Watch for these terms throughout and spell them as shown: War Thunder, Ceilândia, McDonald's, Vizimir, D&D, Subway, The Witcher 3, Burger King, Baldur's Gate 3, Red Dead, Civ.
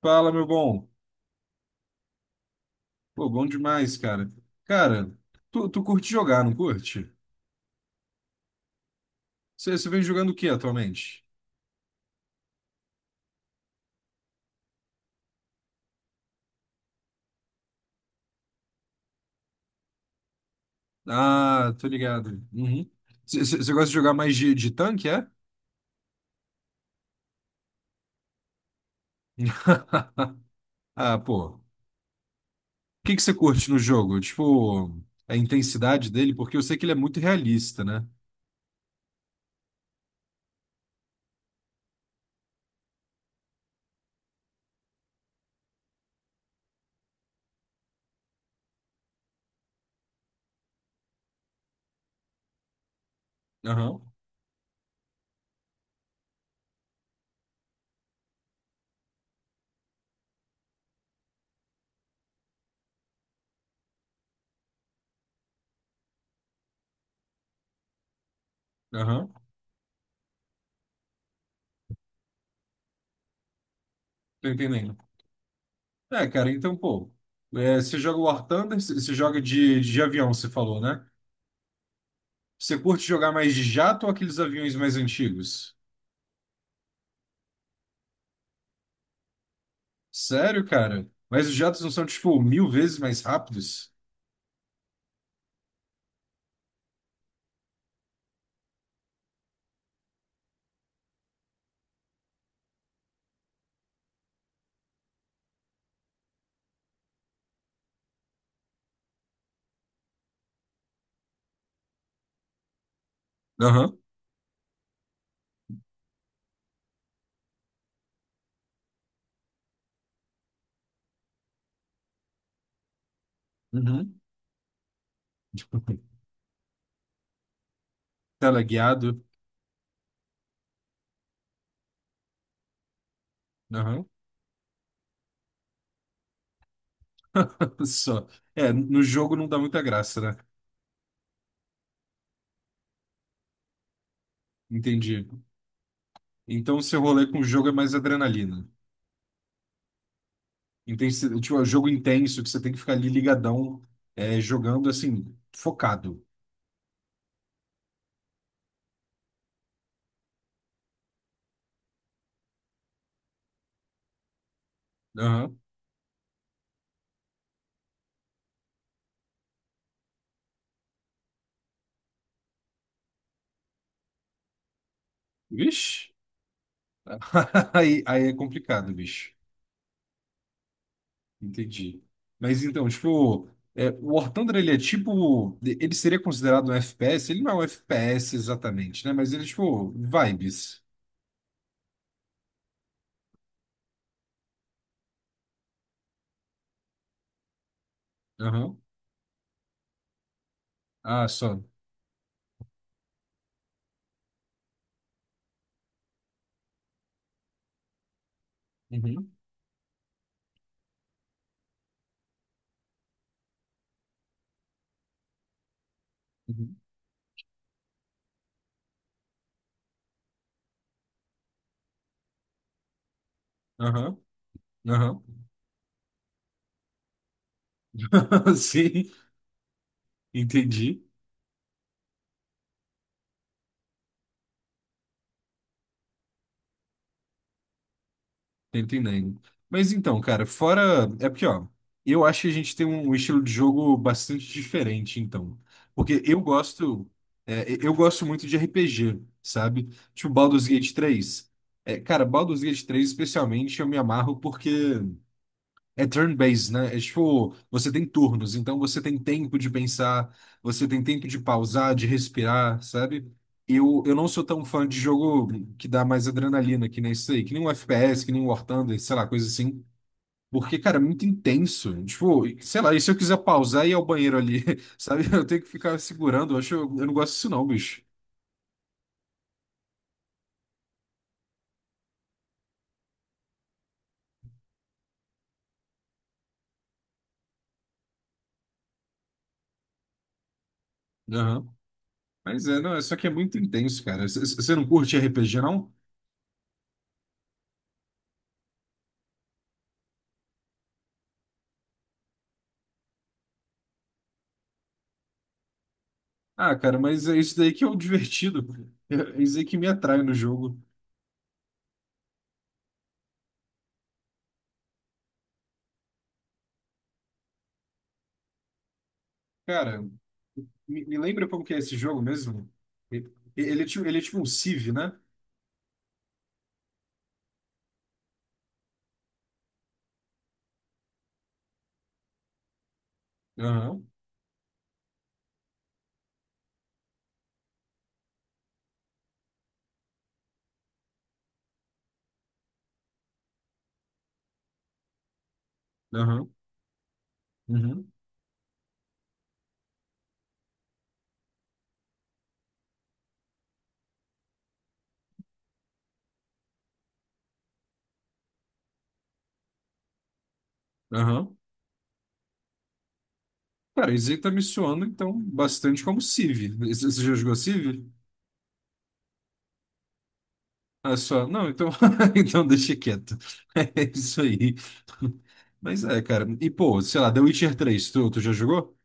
Fala, meu bom. Pô, bom demais, cara. Cara, tu curte jogar, não curte? Você vem jogando o que atualmente? Ah, tô ligado. Uhum. Você gosta de jogar mais de tanque, é? Ah, pô. O que que você curte no jogo? Tipo, a intensidade dele, porque eu sei que ele é muito realista, né? Aham, aham. Tô entendendo. É, cara, então, pô. É, você joga War Thunder, você joga de avião, você falou, né? Você curte jogar mais de jato ou aqueles aviões mais antigos? Sério, cara? Mas os jatos não são, tipo, mil vezes mais rápidos? Aham. Uhum. Tipo, teleguiado? Aham. Só. É, no jogo não dá muita graça, né? Entendi. Então, seu rolê com o jogo é mais adrenalina. Tipo, é um jogo intenso que você tem que ficar ali ligadão, é, jogando, assim, focado. Aham. Vixe. Aí é complicado, bicho. Entendi. Mas então, tipo, é, o War Thunder, ele é tipo. Ele seria considerado um FPS? Ele não é um FPS exatamente, né? Mas ele é tipo vibes. Aham. Ah, só. Uhum. Uhum. Aham. Aham. Sim, entendi. Tô entendendo. Mas então, cara, fora. É porque, ó, eu acho que a gente tem um estilo de jogo bastante diferente, então. Porque eu gosto. É, eu gosto muito de RPG, sabe? Tipo Baldur's Gate 3. É, cara, Baldur's Gate 3, especialmente, eu me amarro porque. É turn-based, né? É tipo, você tem turnos, então você tem tempo de pensar, você tem tempo de pausar, de respirar, sabe? Eu não sou tão fã de jogo que dá mais adrenalina, que nem isso aí, que nem um FPS, que nem um War Thunder, sei lá, coisa assim. Porque, cara, é muito intenso. Tipo, sei lá, e se eu quiser pausar e ir ao banheiro ali, sabe? Eu tenho que ficar segurando, eu acho, eu não gosto disso não, bicho. Aham. Mas é, não, é só que é muito intenso, cara. Você não curte RPG, não? Ah, cara, mas é isso daí que é o divertido. É isso aí que me atrai no jogo. Cara, me lembra como que é esse jogo mesmo? É tipo, ele é tipo um Civ, né? Aham, aham, uhum, aham. Cara, isso aí tá me soando, então, bastante como Civ. Você já jogou Civ? Ah, só. Não, então, então deixa quieto. É isso aí. Mas é, cara. E, pô, sei lá, The Witcher três. Tu já jogou?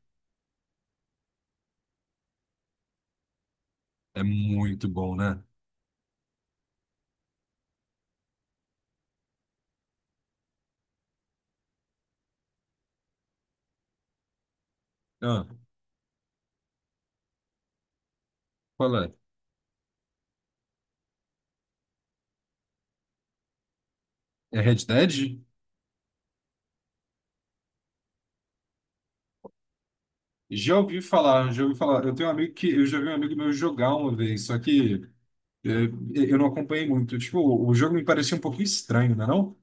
É muito bom, né? Ah, qual é? É Red Dead? Já ouvi falar, já ouvi falar. Eu tenho um amigo que eu já vi um amigo meu jogar uma vez, só que é, eu não acompanhei muito. Tipo, o jogo me parecia um pouco estranho, não é não?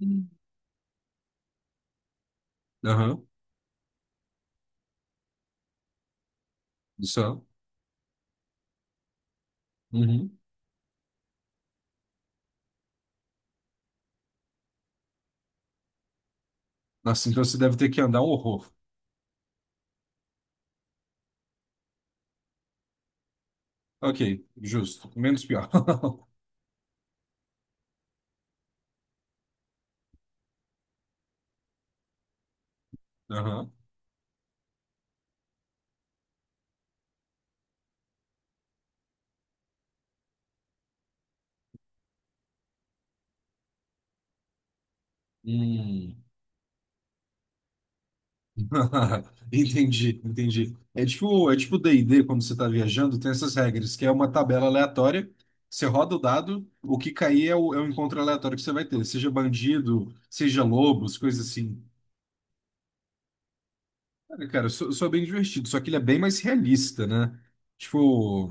Hum. Aham, isso. É. Uhum. Nossa, então você deve ter que andar um horror. Ok, justo. Menos pior. Aham. Hum. Entendi, entendi. É tipo D&D, quando você está viajando, tem essas regras, que é uma tabela aleatória, você roda o dado, o que cair é o encontro aleatório que você vai ter, seja bandido, seja lobos, coisa assim. Cara, sou bem divertido, só que ele é bem mais realista, né? Tipo,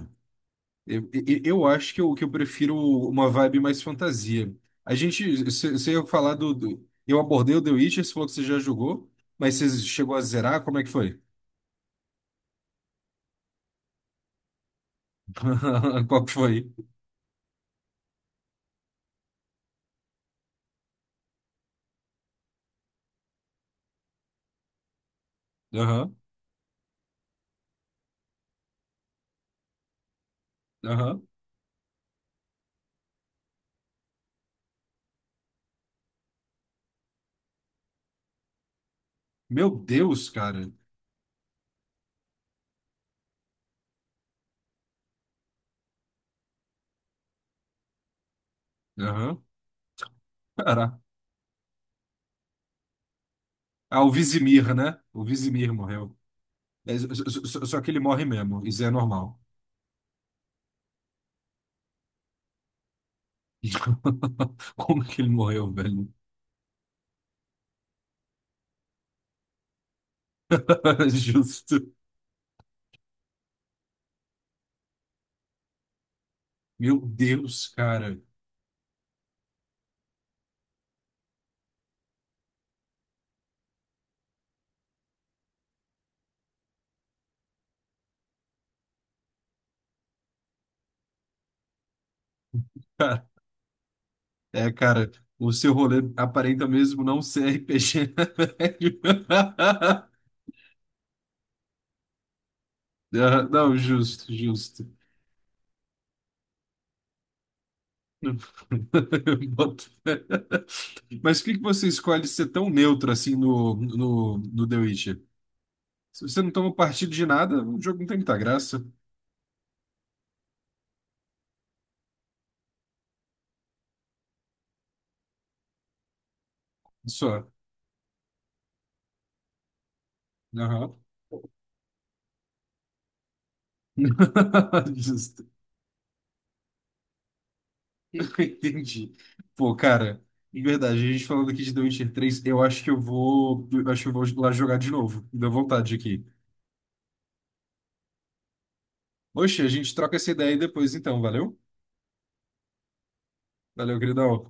eu acho que eu prefiro uma vibe mais fantasia. A gente, você ia falar. Eu abordei o The Witcher, você falou que você já jogou, mas você chegou a zerar, como é que foi? Qual que foi? Aham, aham. Meu Deus, cara. Aham. Caraca. Ah, o Vizimir, né? O Vizimir morreu. É, só que ele morre mesmo. Isso é normal. Como que ele morreu, velho? Justo. Meu Deus, cara. Cara, é, cara, o seu rolê aparenta mesmo não ser RPG, né, velho? Ah, não, justo, justo. Não. Boto fé. Mas por que que você escolhe ser tão neutro assim no The Witcher? Se você não toma partido de nada, o jogo não tem muita graça. Só. Aham. Justo. Entendi. Pô, cara, de verdade, a gente falando aqui de The Witcher 3, eu acho que eu vou lá jogar de novo. Me deu vontade aqui. Oxe, a gente troca essa ideia aí depois então, valeu? Valeu, queridão. Tchau,